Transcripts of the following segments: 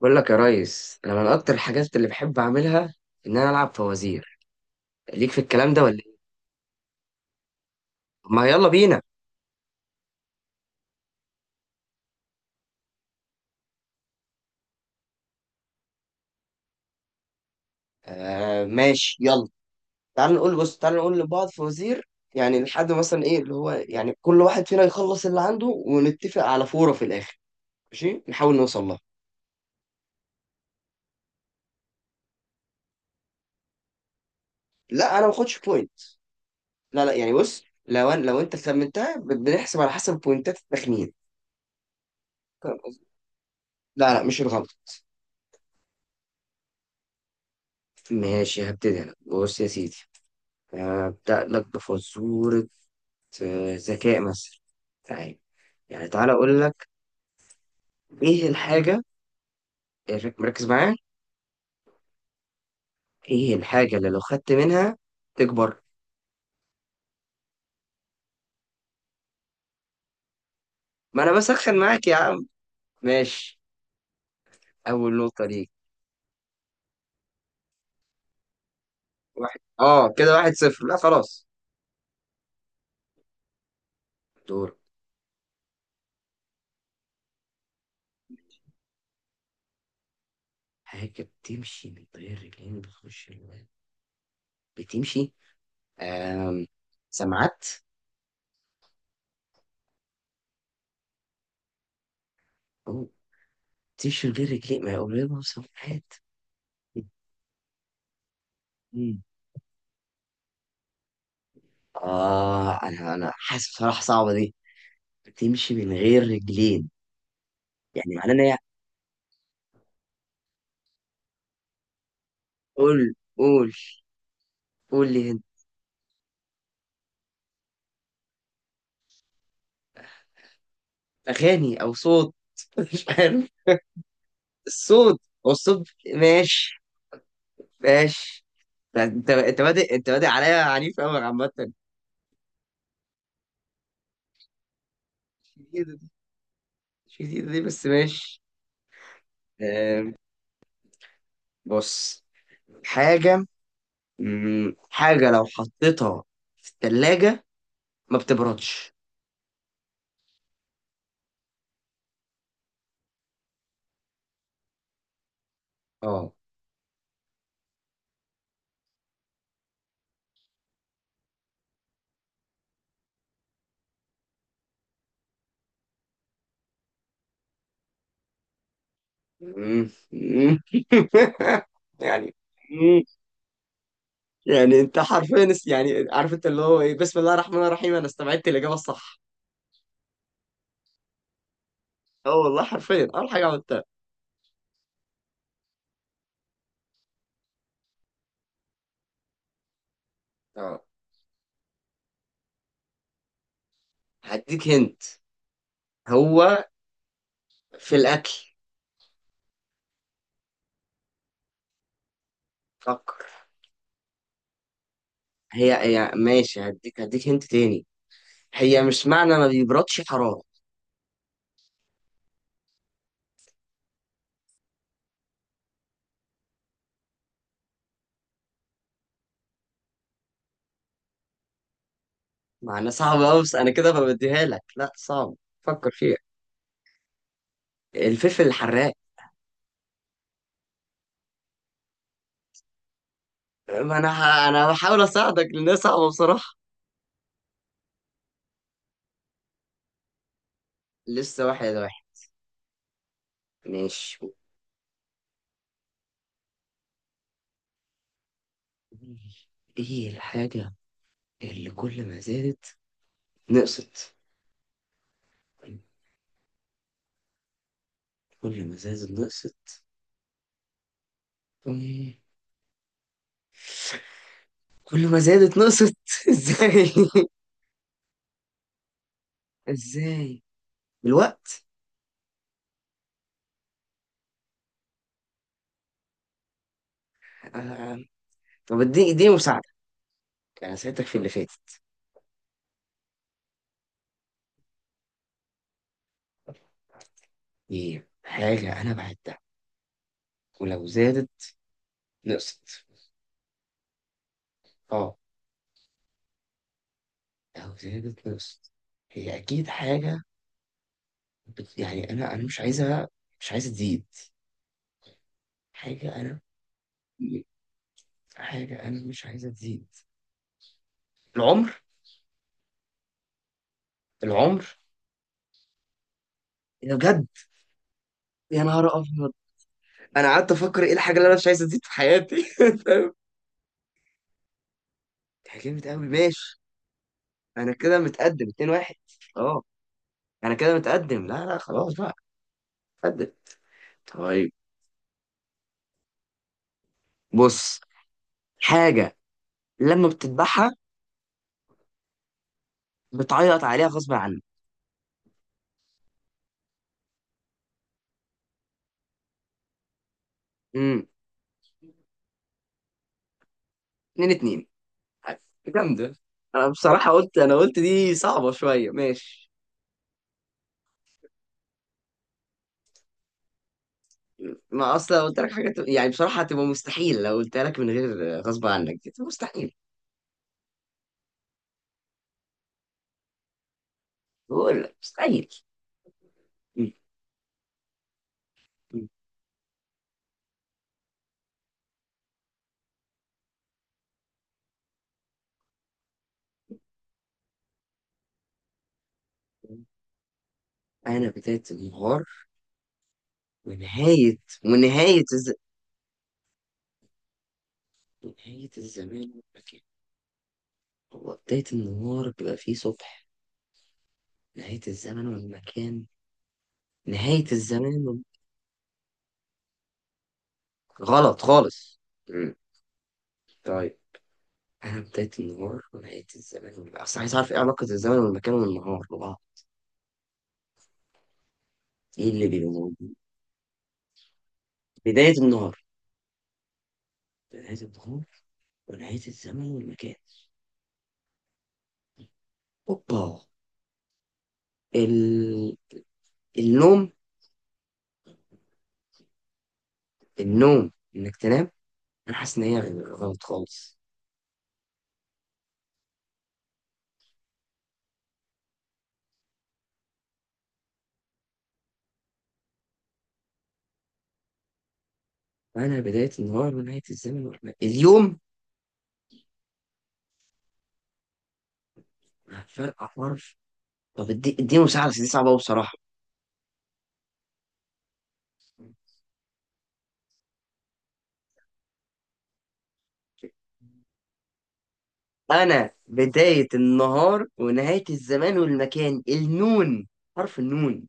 بقول لك يا ريس، انا من اكتر الحاجات اللي بحب اعملها ان انا العب فوازير. ليك في الكلام ده ولا ايه؟ طب ما يلا بينا. آه ماشي يلا. تعال نقول، بص تعال نقول لبعض فوازير. يعني لحد مثلا ايه اللي هو يعني كل واحد فينا يخلص اللي عنده ونتفق على فورة في الاخر. ماشي نحاول نوصل لها. لا انا ما باخدش بوينت. لا لا يعني بص، لو أنا لو انت خمنتها بنحسب على حسب بوينتات التخمين. فاهم قصدي؟ لا لا مش الغلط. ماشي هبتدي انا، بص يا سيدي. هبدأ لك بفزورة في ذكاء مثلا. تعال، يعني تعال اقول لك. ايه الحاجه؟ مركز معايا. ايه الحاجه اللي لو خدت منها تكبر؟ ما انا بسخن معاك يا عم. ماشي. اول نقطه ليك. واحد، اه كده واحد صفر، لا خلاص. دور. حاجه بتمشي من غير رجلين بتخش الوان. بتمشي. آم. سمعت؟ أوه. بتمشي من غير رجلين، ما هي قريبه. سمعت؟ مم. اه انا حاسس بصراحه صعبه دي. بتمشي من غير رجلين، يعني معناه ان هي. قول، قول. قول لي هنا. اغاني او صوت. مش عارف. الصوت، هو الصوت. ماشي، ماشي. ده انت، انت بادئ عليا عنيف قوي عامة. مش جديدة دي. مش جديدة دي بس ماشي. آم، بص. حاجة، مم، حاجة لو حطيتها في التلاجة ما بتبردش. اه. مم، مم. يعني. يعني انت حرفيا يعني عارف انت اللي هو ايه، بسم الله الرحمن الرحيم، انا استبعدت الاجابه الصح. اه والله حرفيا اول حاجه عملتها. اه هديك هنت. هو في الاكل. فكر. هي هي ماشي، هديك، هديك هنت تاني. هي مش معنى ما بيبردش حراره. معنى صعب قوي بس انا كده ببديها لك، لا صعب. فكر فيها. الفلفل الحراق. ما انا انا بحاول اساعدك لان صعبه بصراحه. لسه واحد واحد. ماشي. ايه الحاجه اللي كل ما زادت نقصت؟ كل ما زادت نقصت. أمم. كل ما زادت نقصت. ازاي؟ ازاي؟ الوقت. آه. طب اديني، اديني مساعدة. انا ساعدتك في اللي فاتت. ايه حاجة انا بعدها ولو زادت نقصت؟ اه لو زادت نقصت، هي اكيد حاجة يعني انا مش عايزها، مش عايزة تزيد. حاجة انا، حاجة انا مش عايزة تزيد. العمر، العمر. يا بجد. يا نهار ابيض، انا قعدت افكر ايه الحاجه اللي انا مش عايز ازيد في حياتي. فاهم. اتحجمت قوي ماشي. انا كده متقدم 2 1. اه انا كده متقدم، لا لا خلاص بقى. متقدم. طيب. بص، حاجه لما بتذبحها بتعيط عليها غصب عنك. امم. 2 2. جامده. انا بصراحه قلت، انا قلت دي صعبه شويه، ماشي. ما اصلا قلت لك يعني بصراحه هتبقى مستحيل لو قلتها لك من غير غصب عنك، دي مستحيل. بقول لك مستحيل. مم. انا بدايه النهار ونهاية، ونهاية ونهاية الزمان والمكان. هو بداية النهار بيبقى فيه صبح. نهاية الزمن والمكان. نهاية الزمان غلط خالص. مم. طيب. أنا بداية النهار ونهاية الزمان والمكان، أصل عايز أعرف إيه علاقة الزمن والمكان والنهار ببعض. إيه اللي بيبقى موجود؟ بداية النهار، بداية النهار ونهاية الزمن والمكان. أوبا. ال... النوم. النوم إنك تنام. أنا حاسس إن هي غلط خالص. انا بدايه النهار ونهايه الزمن اليوم. فرق حرف. طب اديني مساحه بس دي صعبه أوي بصراحه. انا بدايه النهار ونهايه الزمان والمكان، النون. حرف النون.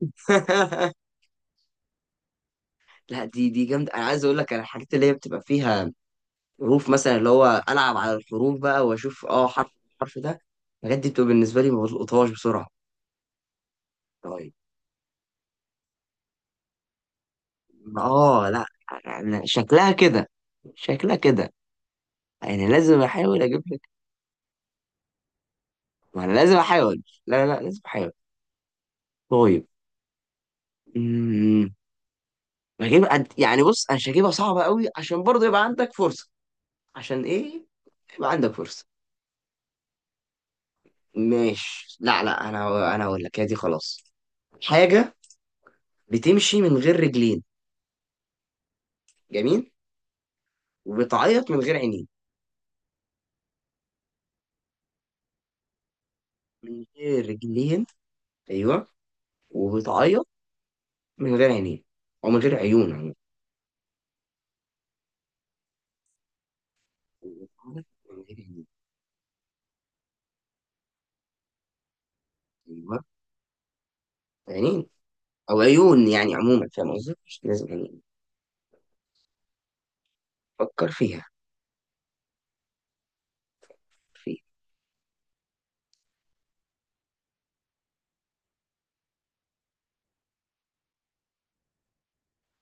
لا دي، دي جامده. انا عايز اقول لك على الحاجات اللي هي بتبقى فيها حروف، مثلا اللي هو العب على الحروف بقى واشوف اه حرف، الحرف ده. الحاجات دي بتبقى بالنسبه لي ما بلقطهاش بسرعه. طيب. اه لا، شكلها كده، شكلها كده، يعني لازم احاول اجيبها. ما انا لازم احاول، لا لا لا، لازم احاول. طيب. امم. يعني بص انا مش هجيبها صعبة قوي عشان برضه يبقى عندك فرصة. عشان ايه؟ يبقى عندك فرصة. ماشي لا لا، انا هقول لك، هي دي خلاص. حاجة بتمشي من غير رجلين، جميل، وبتعيط من غير عينين. من غير رجلين، ايوه. وبتعيط من غير عينين، او من غير عيون عموما. وبتعيط من غير عينين. ايوه عينين، او عيون يعني، عموما فاهم قصدي مش لازم يعني. فكر فيها.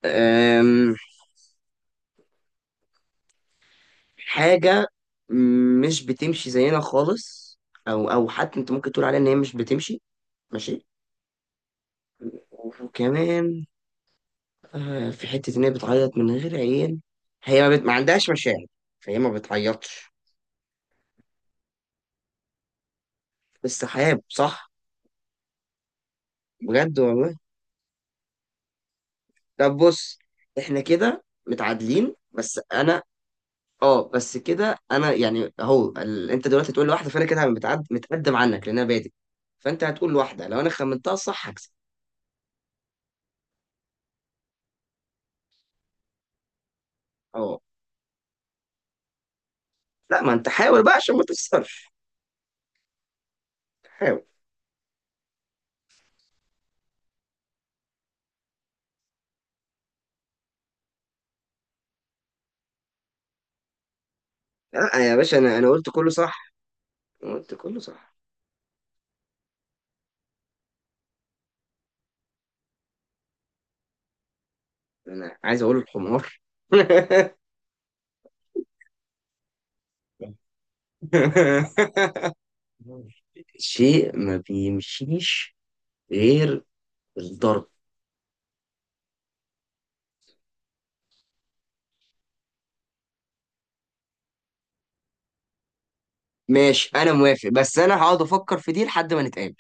أم، حاجة مش بتمشي زينا خالص، أو أو حتى أنت ممكن تقول عليها إن هي مش بتمشي. ماشي. وكمان آه، في حتة إن هي بتعيط من غير عين. هي ما, بت... ما عندهاش مشاعر فهي ما بتعيطش. السحاب، صح. بجد والله. طب بص، إحنا كده متعادلين بس أنا. أه بس كده أنا يعني أهو أنت دلوقتي تقول لواحدة فأنا كده متقدم عنك لأن أنا بادئ. فأنت هتقول لواحدة، لو أنا خمنتها صح هكسب. أه. لا ما انت حاول بقى عشان ما تخسرش. حاول. لا يا باشا انا قلت كله صح. أنا قلت كله صح. انا عايز اقول الحمار. شيء ما بيمشيش غير الضرب. ماشي انا موافق، بس انا هقعد افكر في دي لحد ما نتقابل.